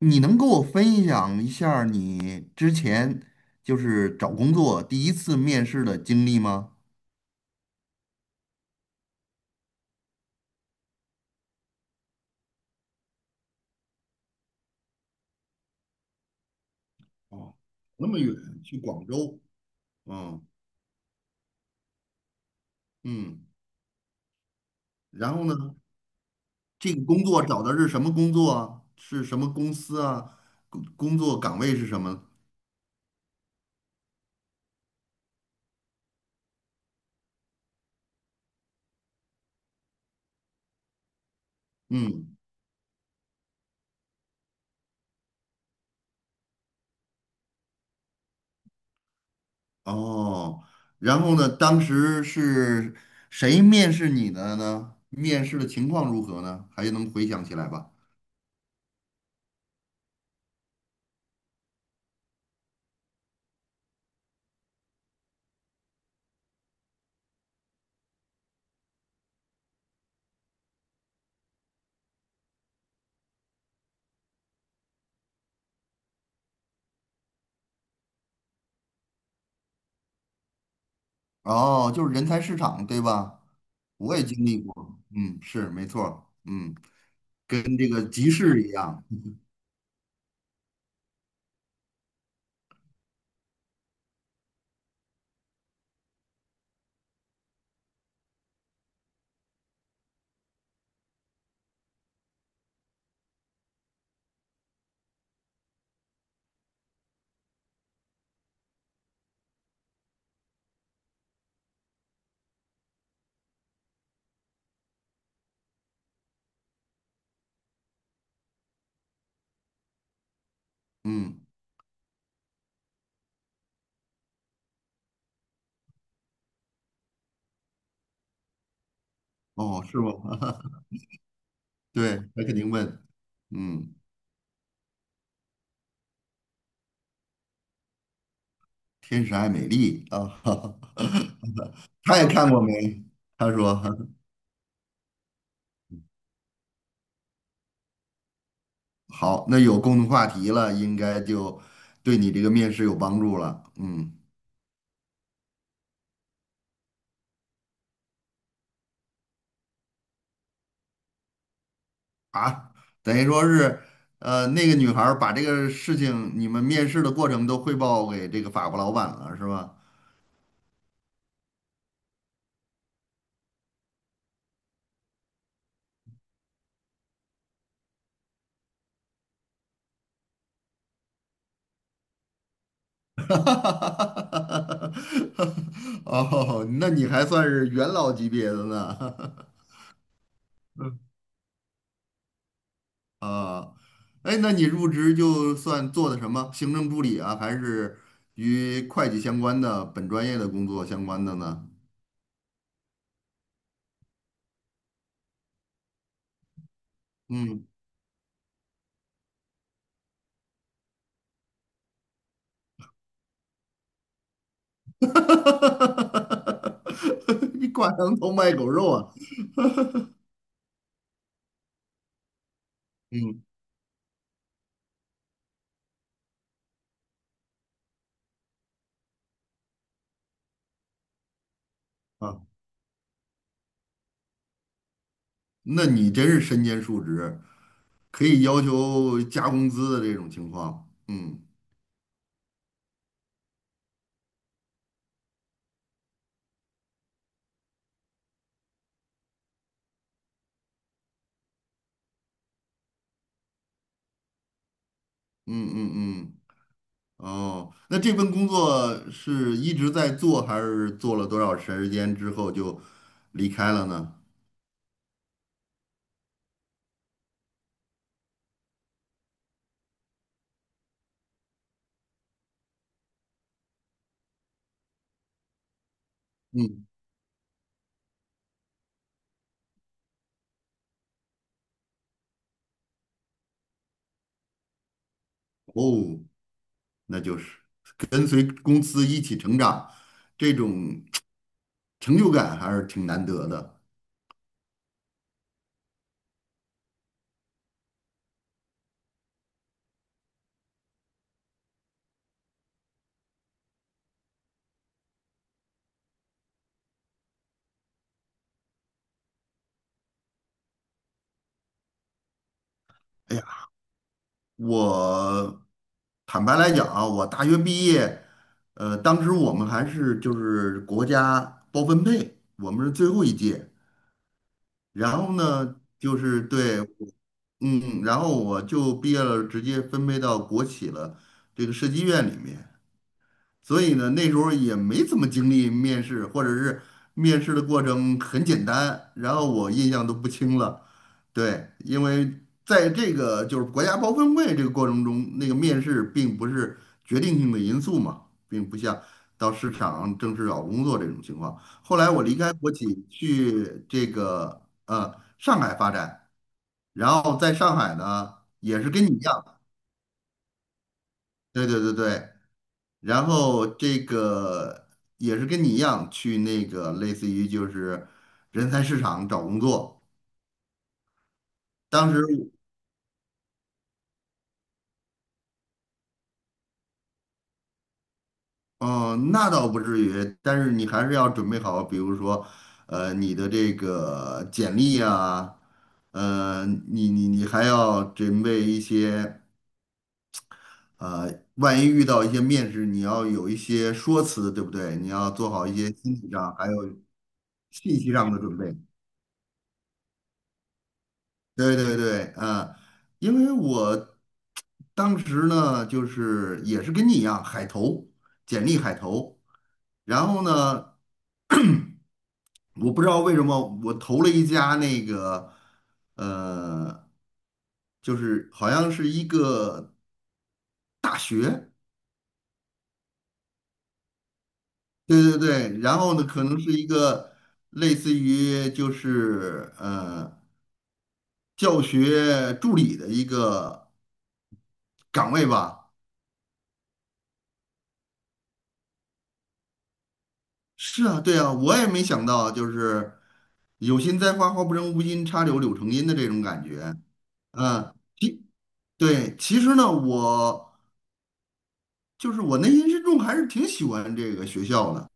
你能给我分享一下儿你之前找工作第一次面试的经历吗？哦，那么远去广州。嗯嗯，然后呢，这个工作找的是什么工作啊？是什么公司啊？工作岗位是什么？嗯，哦，然后呢，当时是谁面试你的呢？面试的情况如何呢？还能回想起来吧？哦，就是人才市场，对吧？我也经历过，嗯，是没错儿，嗯，跟这个集市一样。嗯，哦，是吗？对，他肯定问，嗯，天使爱美丽啊。他也看过没？他说。 好，那有共同话题了，应该就对你这个面试有帮助了，嗯。啊，等于说是，那个女孩儿把这个事情你们面试的过程都汇报给这个法国老板了，是吧？哈，哦，那你还算是元老级别的呢。啊，哎，那你入职就算做的什么？行政助理啊，还是与会计相关的本专业的工作相关的呢？嗯。你挂羊头卖狗肉啊。嗯，啊，那你真是身兼数职，可以要求加工资的这种情况。嗯嗯嗯嗯。哦，那这份工作是一直在做，还是做了多少时间之后就离开了呢？嗯，哦，那就是跟随公司一起成长，这种成就感还是挺难得的。哎呀，我坦白来讲啊，我大学毕业，当时我们还是就是国家包分配，我们是最后一届。然后呢，就是对，嗯，然后我就毕业了，直接分配到国企了，这个设计院里面。所以呢，那时候也没怎么经历面试，或者是面试的过程很简单，然后我印象都不清了。对，因为在这个就是国家包分会这个过程中，那个面试并不是决定性的因素嘛，并不像到市场正式找工作这种情况。后来我离开国企去这个上海发展，然后在上海呢也是跟你一样，对对对对，然后这个也是跟你一样去那个类似于就是人才市场找工作。当时，嗯、那倒不至于，但是你还是要准备好，比如说，你的这个简历啊，你还要准备一些，万一遇到一些面试，你要有一些说辞，对不对？你要做好一些心理上还有信息上的准备。对对对，啊，因为我当时呢，就是也是跟你一样海投，简历海投，然后呢，我不知道为什么我投了一家那个，呃，就是好像是一个大学。对对对，然后呢，可能是一个类似于教学助理的一个岗位吧。是啊，对啊，我也没想到，就是有心栽花花不成，无心插柳柳成荫的这种感觉。嗯，对，其实呢，就是我内心深处还是挺喜欢这个学校的，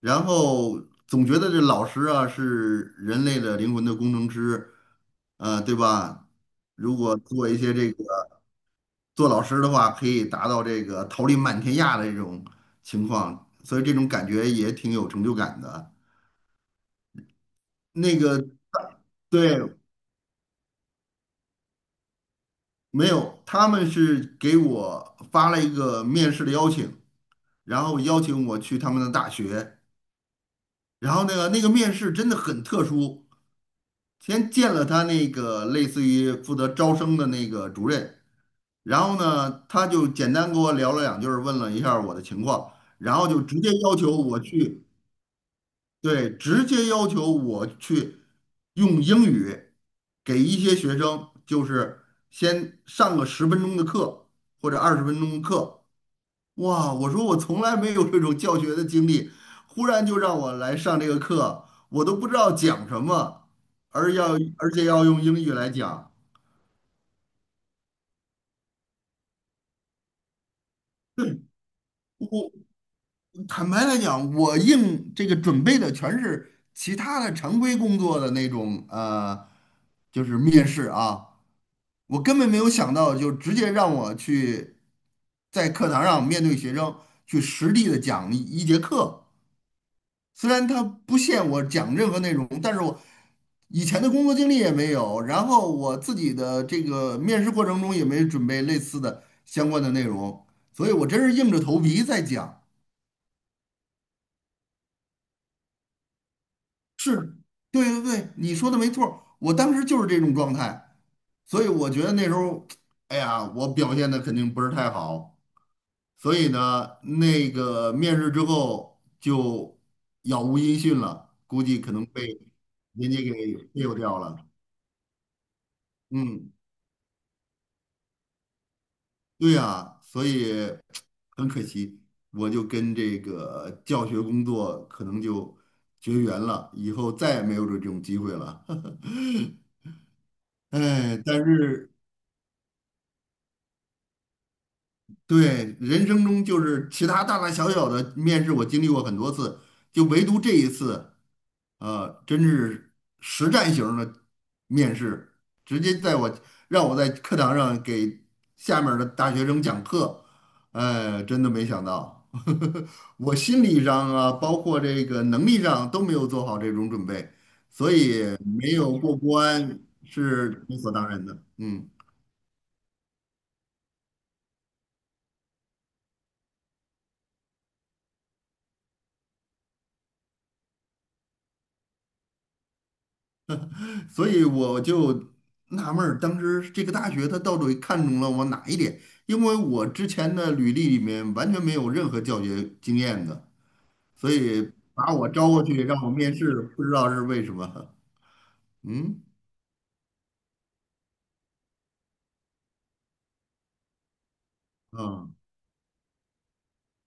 然后总觉得这老师啊是人类的灵魂的工程师，呃，对吧？如果做一些这个做老师的话，可以达到这个桃李满天下的这种情况，所以这种感觉也挺有成就感的。那个，对，没有，他们是给我发了一个面试的邀请，然后邀请我去他们的大学，然后那个面试真的很特殊，先见了他那个类似于负责招生的那个主任，然后呢，他就简单跟我聊了两句儿，问了一下儿我的情况，然后就直接要求我去。对，直接要求我去用英语给一些学生，就是先上个十分钟的课或者20分钟的课。哇，我说我从来没有这种教学的经历，忽然就让我来上这个课，我都不知道讲什么，而且要用英语来讲。我坦白来讲，我应这个准备的全是其他的常规工作的那种就是面试啊。我根本没有想到，就直接让我去在课堂上面对学生去实地的讲一节课。虽然他不限我讲任何内容，但是我以前的工作经历也没有，然后我自己的这个面试过程中也没准备类似的相关的内容，所以我真是硬着头皮在讲。是，对对对，你说的没错儿，我当时就是这种状态，所以我觉得那时候，哎呀，我表现的肯定不是太好。所以呢，那个面试之后就杳无音讯了，估计可能被人家给忽悠掉了。嗯，对呀，所以很可惜，我就跟这个教学工作可能就绝缘了，以后再也没有这种机会了。哎，但是对，人生中就是其他大大小小的面试，我经历过很多次，就唯独这一次，真是实战型儿的面试，直接在我让我在课堂上给下面儿的大学生讲课，哎，真的没想到。我心理上啊，包括这个能力上都没有做好这种准备，所以没有过关是理所当然的，嗯。所以我就纳闷儿，当时这个大学它到底看中了我哪一点？因为我之前的履历里面完全没有任何教学经验的，所以把我招过去让我面试，不知道是为什么。嗯嗯，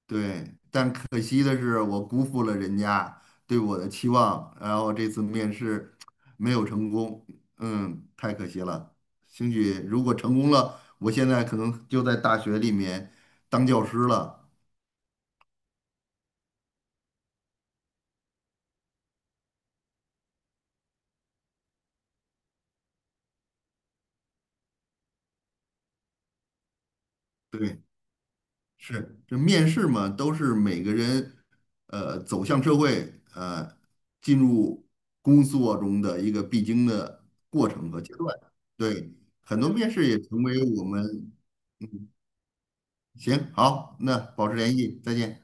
对。但可惜的是，我辜负了人家对我的期望，然后这次面试没有成功，嗯，太可惜了。兴许如果成功了，我现在可能就在大学里面当教师了。对。是，这面试嘛，都是每个人走向社会进入工作中的一个必经的过程和阶段。对，很多面试也成为我们，行，好，那保持联系，再见。